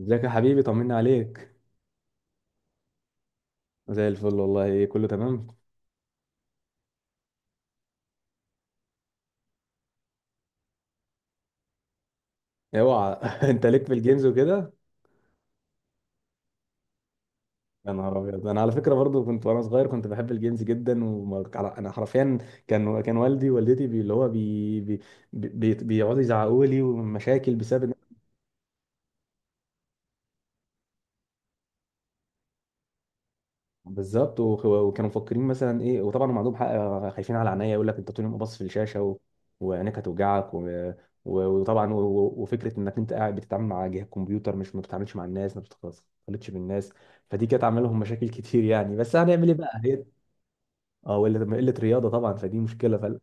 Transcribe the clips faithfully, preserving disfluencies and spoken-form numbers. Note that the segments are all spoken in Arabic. ازيك يا حبيبي؟ طمنا عليك. زي الفل والله، كله تمام. اوعى! انت ليك في الجيمز وكده؟ يا نهار ابيض، انا على فكره برضو كنت وانا صغير كنت بحب الجيمز جدا، وانا حرفيا كان كان والدي ووالدتي بي اللي هو بي بي بي بيقعدوا يزعقوا لي ومشاكل بسبب ان... بالظبط، وخ- وكانوا مفكرين مثلا ايه، وطبعا هم عندهم حق. آه، خايفين على عينيا، يقول لك انت طول اليوم باصص في الشاشه و... وعينيك هتوجعك و... و... وطبعا و... و- وفكره انك انت قاعد بتتعامل مع جهاز كمبيوتر، مش ما بتتعاملش مع الناس، ما بتختلطش بالناس. فدي كانت عامله لهم مشاكل كتير يعني، بس هنعمل ايه بقى هي. اه، وقله قلة رياضه طبعا، فدي مشكله فال...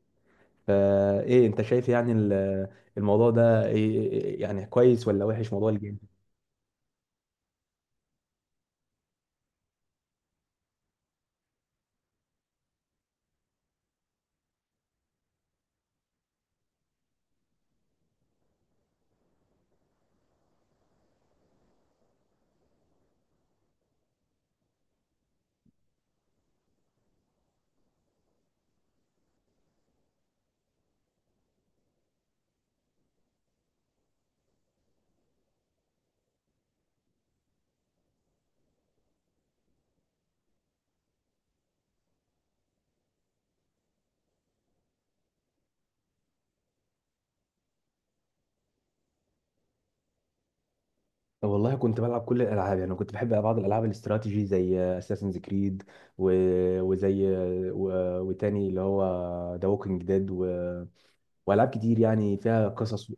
فايه انت شايف يعني ال- الموضوع ده إيه... إيه- إيه، يعني كويس ولا وحش موضوع الجيم؟ والله كنت بلعب كل الالعاب يعني، كنت بحب بعض الالعاب الاستراتيجي زي اساسنز كريد، و... وزي و... وتاني اللي هو ذا ووكينج ديد، و... والعاب كتير يعني فيها قصص و...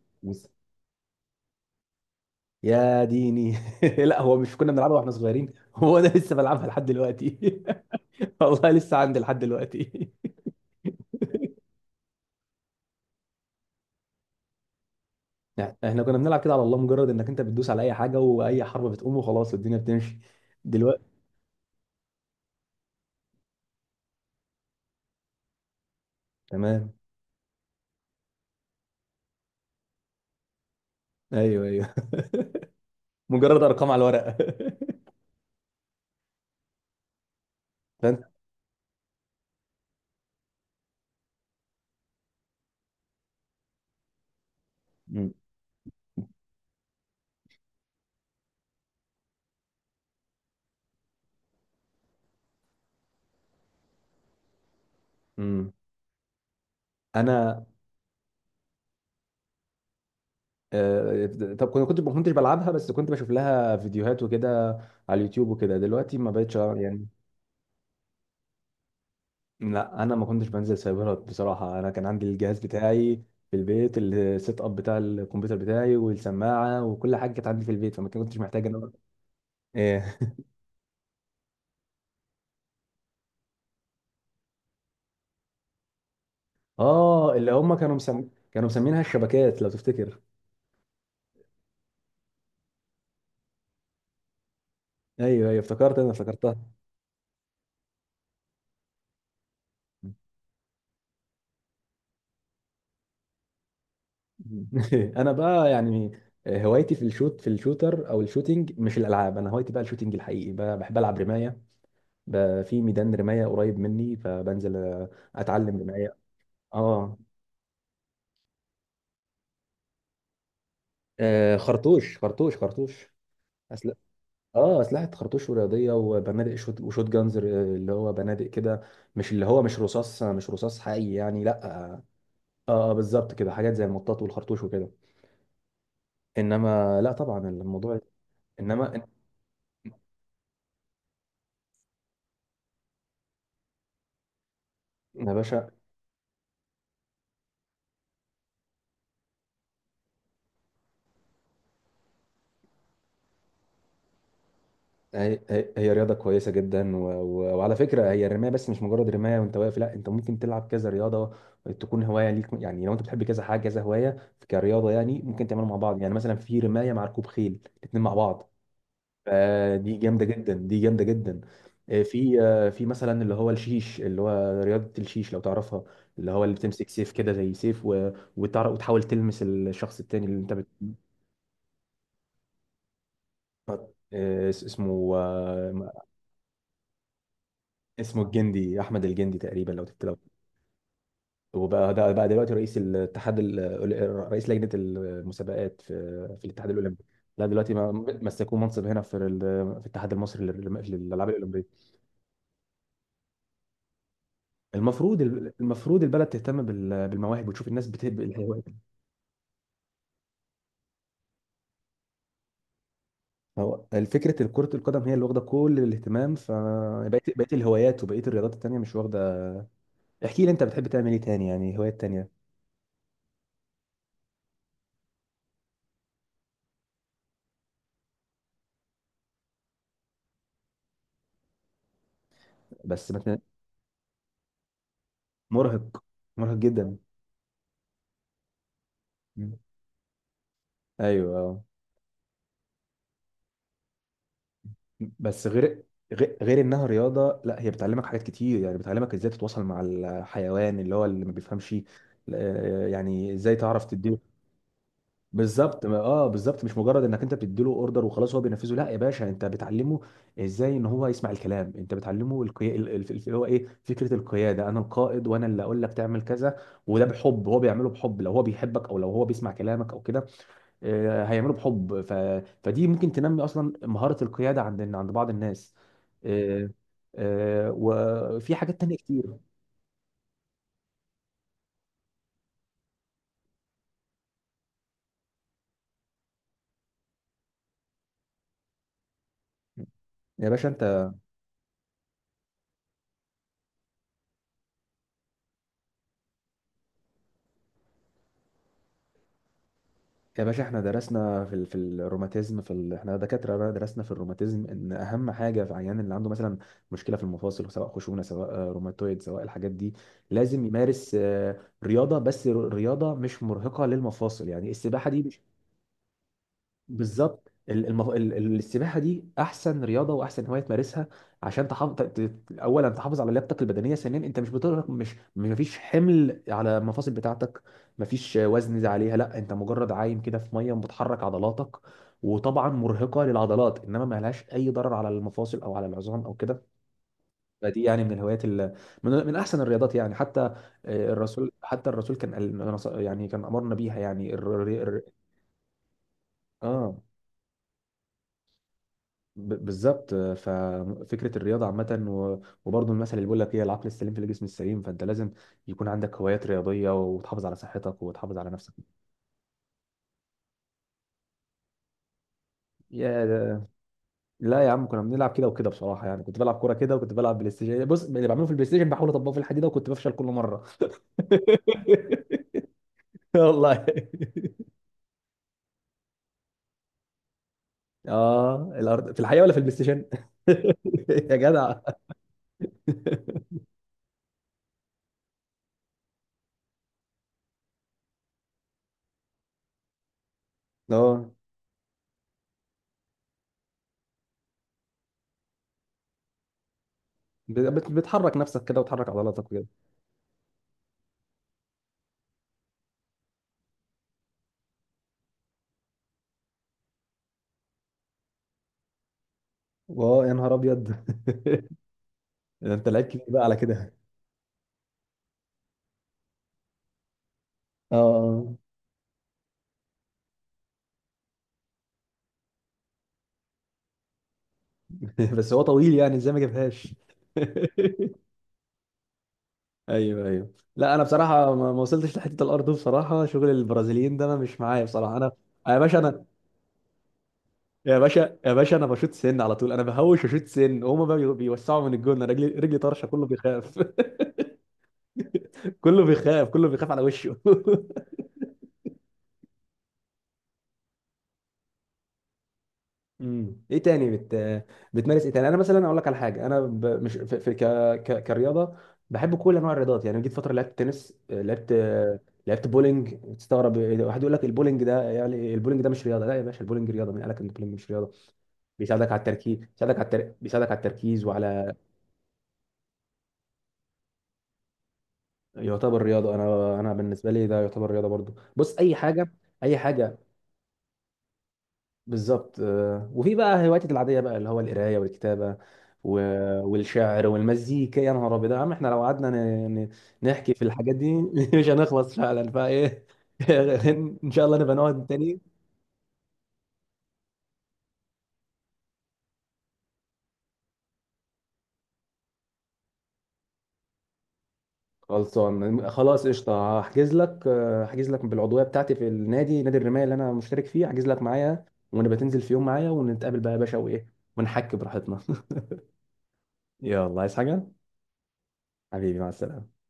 يا ديني! لا، هو مش كنا بنلعبها واحنا صغيرين، هو انا لسه بلعبها لحد دلوقتي. والله لسه عندي لحد دلوقتي. يعني احنا كنا بنلعب كده على الله، مجرد انك انت بتدوس على اي حاجه واي حرب بتقوم وخلاص الدنيا بتمشي دلوقتي. تمام. ايوه، ايوه. مجرد ارقام على الورق. فانت امم انا آه، طب، كنت كنت ما كنتش بلعبها، بس كنت بشوف لها فيديوهات وكده على اليوتيوب وكده، دلوقتي ما بقتش ألعب يعني. لا، انا ما كنتش بنزل سايبرات بصراحه، انا كان عندي الجهاز بتاعي في البيت، السيت اب بتاع الكمبيوتر بتاعي والسماعه وكل حاجه كانت عندي في البيت، فما كنتش محتاج ان انا... ايه. اه، اللي هم كانوا مسم... كانوا مسمينها الشبكات لو تفتكر؟ ايوه، ايوه، افتكرت، انا افتكرتها. انا بقى يعني هوايتي في الشوت في الشوتر او الشوتينج، مش الالعاب. انا هوايتي بقى الشوتينج الحقيقي بقى، بحب العب رمايه بقى في ميدان رمايه قريب مني، فبنزل اتعلم رمايه. اه. آه، خرطوش خرطوش خرطوش. أسل... اه، اسلحه خرطوش ورياضيه، وبنادق شوت وشوت جانز اللي هو بنادق كده، مش اللي هو، مش رصاص مش رصاص حقيقي يعني، لا، اه. آه، بالظبط كده، حاجات زي المطاط والخرطوش وكده. انما لا، طبعا الموضوع... انما يا باشا، هي هي هي رياضة كويسة جدا، و... و... وعلى فكرة هي الرماية، بس مش مجرد رماية وانت واقف، لا، انت ممكن تلعب كذا رياضة تكون هواية ليك، يعني لو انت بتحب كذا حاجة كذا هواية كرياضة، يعني ممكن تعملها مع بعض. يعني مثلا في رماية مع ركوب خيل، الاتنين مع بعض. فدي جامدة جدا، دي جامدة جدا. آه، في آه، في مثلا اللي هو الشيش، اللي هو رياضة الشيش لو تعرفها، اللي هو اللي بتمسك سيف كده زي سيف و... وتعرف وتحاول تلمس الشخص التاني اللي انت بت... آه، اسمه آه، اسمه الجندي، احمد الجندي تقريبا لو تفتكر. وبقى ده بقى دلوقتي رئيس الاتحاد ال- رئيس لجنه المسابقات في في الاتحاد الاولمبي. لا دلوقتي ما- مسكوه منصب هنا في ال- في الاتحاد المصري لل- للالعاب الاولمبيه. المفروض، المفروض البلد تهتم بال- بالمواهب وتشوف الناس بتحب الهوايات. هو الفكره كره القدم هي اللي واخده كل الاهتمام، فبقيت بقيت الهوايات، وبقيت الرياضات التانيه مش واخده. احكي لي، انت بتحب تعمل ايه تاني؟ يعني هوايات تانيه. بس ما ت- مرهق، مرهق جدا. مم. ايوه. آه. بس غير غير غير انها رياضه، لا هي بتعلمك حاجات كتير، يعني بتعلمك ازاي تتواصل مع الحيوان اللي هو اللي ما بيفهمش. آه، يعني ازاي تعرف تديله. بالظبط ما- اه بالظبط، مش مجرد انك انت بتديله اوردر وخلاص هو بينفذه، لا يا باشا، انت بتعلمه ازاي ان هو يسمع الكلام، انت بتعلمه القيا... ال- ال- اللي هو ايه فكره القياده، انا القائد وانا اللي اقول لك تعمل كذا. وده بحب هو بيعمله بحب، لو هو بيحبك او لو هو بيسمع كلامك او كده، آه، هيعمله بحب ف... فدي ممكن تنمي اصلا مهارة القيادة عند عند بعض الناس. آه، آه، وفي حاجات تانية كتير. يا باشا انت... يا باشا احنا درسنا في ال- في الروماتيزم في ال... احنا دكاترة بقى، درسنا في الروماتيزم ان اهم حاجة في عيان اللي عنده مثلا مشكلة في المفاصل، سواء خشونة، سواء آه، روماتويد، سواء الحاجات دي، لازم يمارس آه، رياضة، بس ر- رياضة مش مرهقة للمفاصل، يعني السباحة دي مش... بالظبط، ال- المف... ال- ال- السباحه دي احسن رياضه واحسن هوايه تمارسها عشان تحافظ ت... ت- اولا تحافظ على لياقتك البدنيه، ثانيا انت مش بتقدر مش، مش مفيش حمل على المفاصل بتاعتك، مفيش وزن زي عليها، لا، انت مجرد عايم كده في ميه بتحرك عضلاتك، وطبعا مرهقه للعضلات، انما ما لهاش اي ضرر على المفاصل او على العظام او كده. فدي يعني من الهوايات ال... من... من احسن الرياضات يعني، حتى آه، الرسول، حتى الرسول كان قال- يعني كان امرنا بيها، يعني الر... الر... اه. ب- بالظبط، ففكره الرياضه عامه، و- وبرضه المثل اللي بيقول لك ايه، العقل السليم في الجسم السليم، فانت لازم يكون عندك هوايات رياضيه وتحافظ على صحتك وتحافظ على نفسك. يا ده- لا يا عم، كنا بنلعب كده وكده بصراحه، يعني كنت بلعب كوره كده وكنت بلعب بلاي ستيشن، بص، اللي بعمله في البلاي ستيشن بحاول اطبقه في الحديده، وكنت بفشل كل مره. والله. اه، الارض في الحقيقه ولا في البلاي ستيشن؟ يا جدع. اه، بت- بتحرك نفسك كده وتحرك عضلاتك كده. اه، يا نهار ابيض. ده انت لعيب كبير بقى على كده! اه. آه. بس هو طويل يعني، ازاي ما جابهاش؟ ايوه، ايوه، لا انا بصراحه ما ما وصلتش لحته الارض دي بصراحه، شغل البرازيليين ده انا مش معايا بصراحه، انا... يا باشا انا... يا باشا يا باشا، انا بشوط سن على طول، انا بهوش وشوط سن هما بقى بيوسعوا من الجون، أنا رجلي رجلي طرشه، كله بيخاف. كله بيخاف، كله بيخاف على وشه. امم ايه تاني بت... بتمارس ايه تاني؟ انا مثلا اقول لك على حاجه، انا ب... مش في, في ك... ك... كرياضه، بحب كل انواع الرياضات. يعني جيت فتره لعبت تنس، لعبت لعبت بولينج. تستغرب واحد يقول لك البولينج ده؟ يعني البولينج ده مش رياضه؟ لا يا باشا، البولينج رياضه، مين قال لك ان البولينج مش رياضه؟ بيساعدك على التركيز، بيساعدك على التر... بيساعدك على التركيز وعلى... يعتبر رياضه، انا انا بالنسبه لي ده يعتبر رياضه برضو. بص، اي حاجه، اي حاجه. بالظبط، آه، وفي بقى هواياتي العاديه بقى اللي هو القرايه والكتابه و... والشعر والمزيكا. يا نهار ابيض يا عم، احنا لو قعدنا ن... ن... نحكي في الحاجات دي مش هنخلص فعلا، فايه. ان شاء الله نبقى نقعد تاني. خلصان، خلاص قشطه، هحجز لك، آه، هحجز لك بالعضويه بتاعتي في النادي، نادي الرمايه اللي انا مشترك فيه، هحجز لك معايا، ونبقى تنزل في يوم معايا ونتقابل بقى يا باشا وايه، ونحكي براحتنا. يلا، عايز حاجه؟ حبيبي، مع السلامه.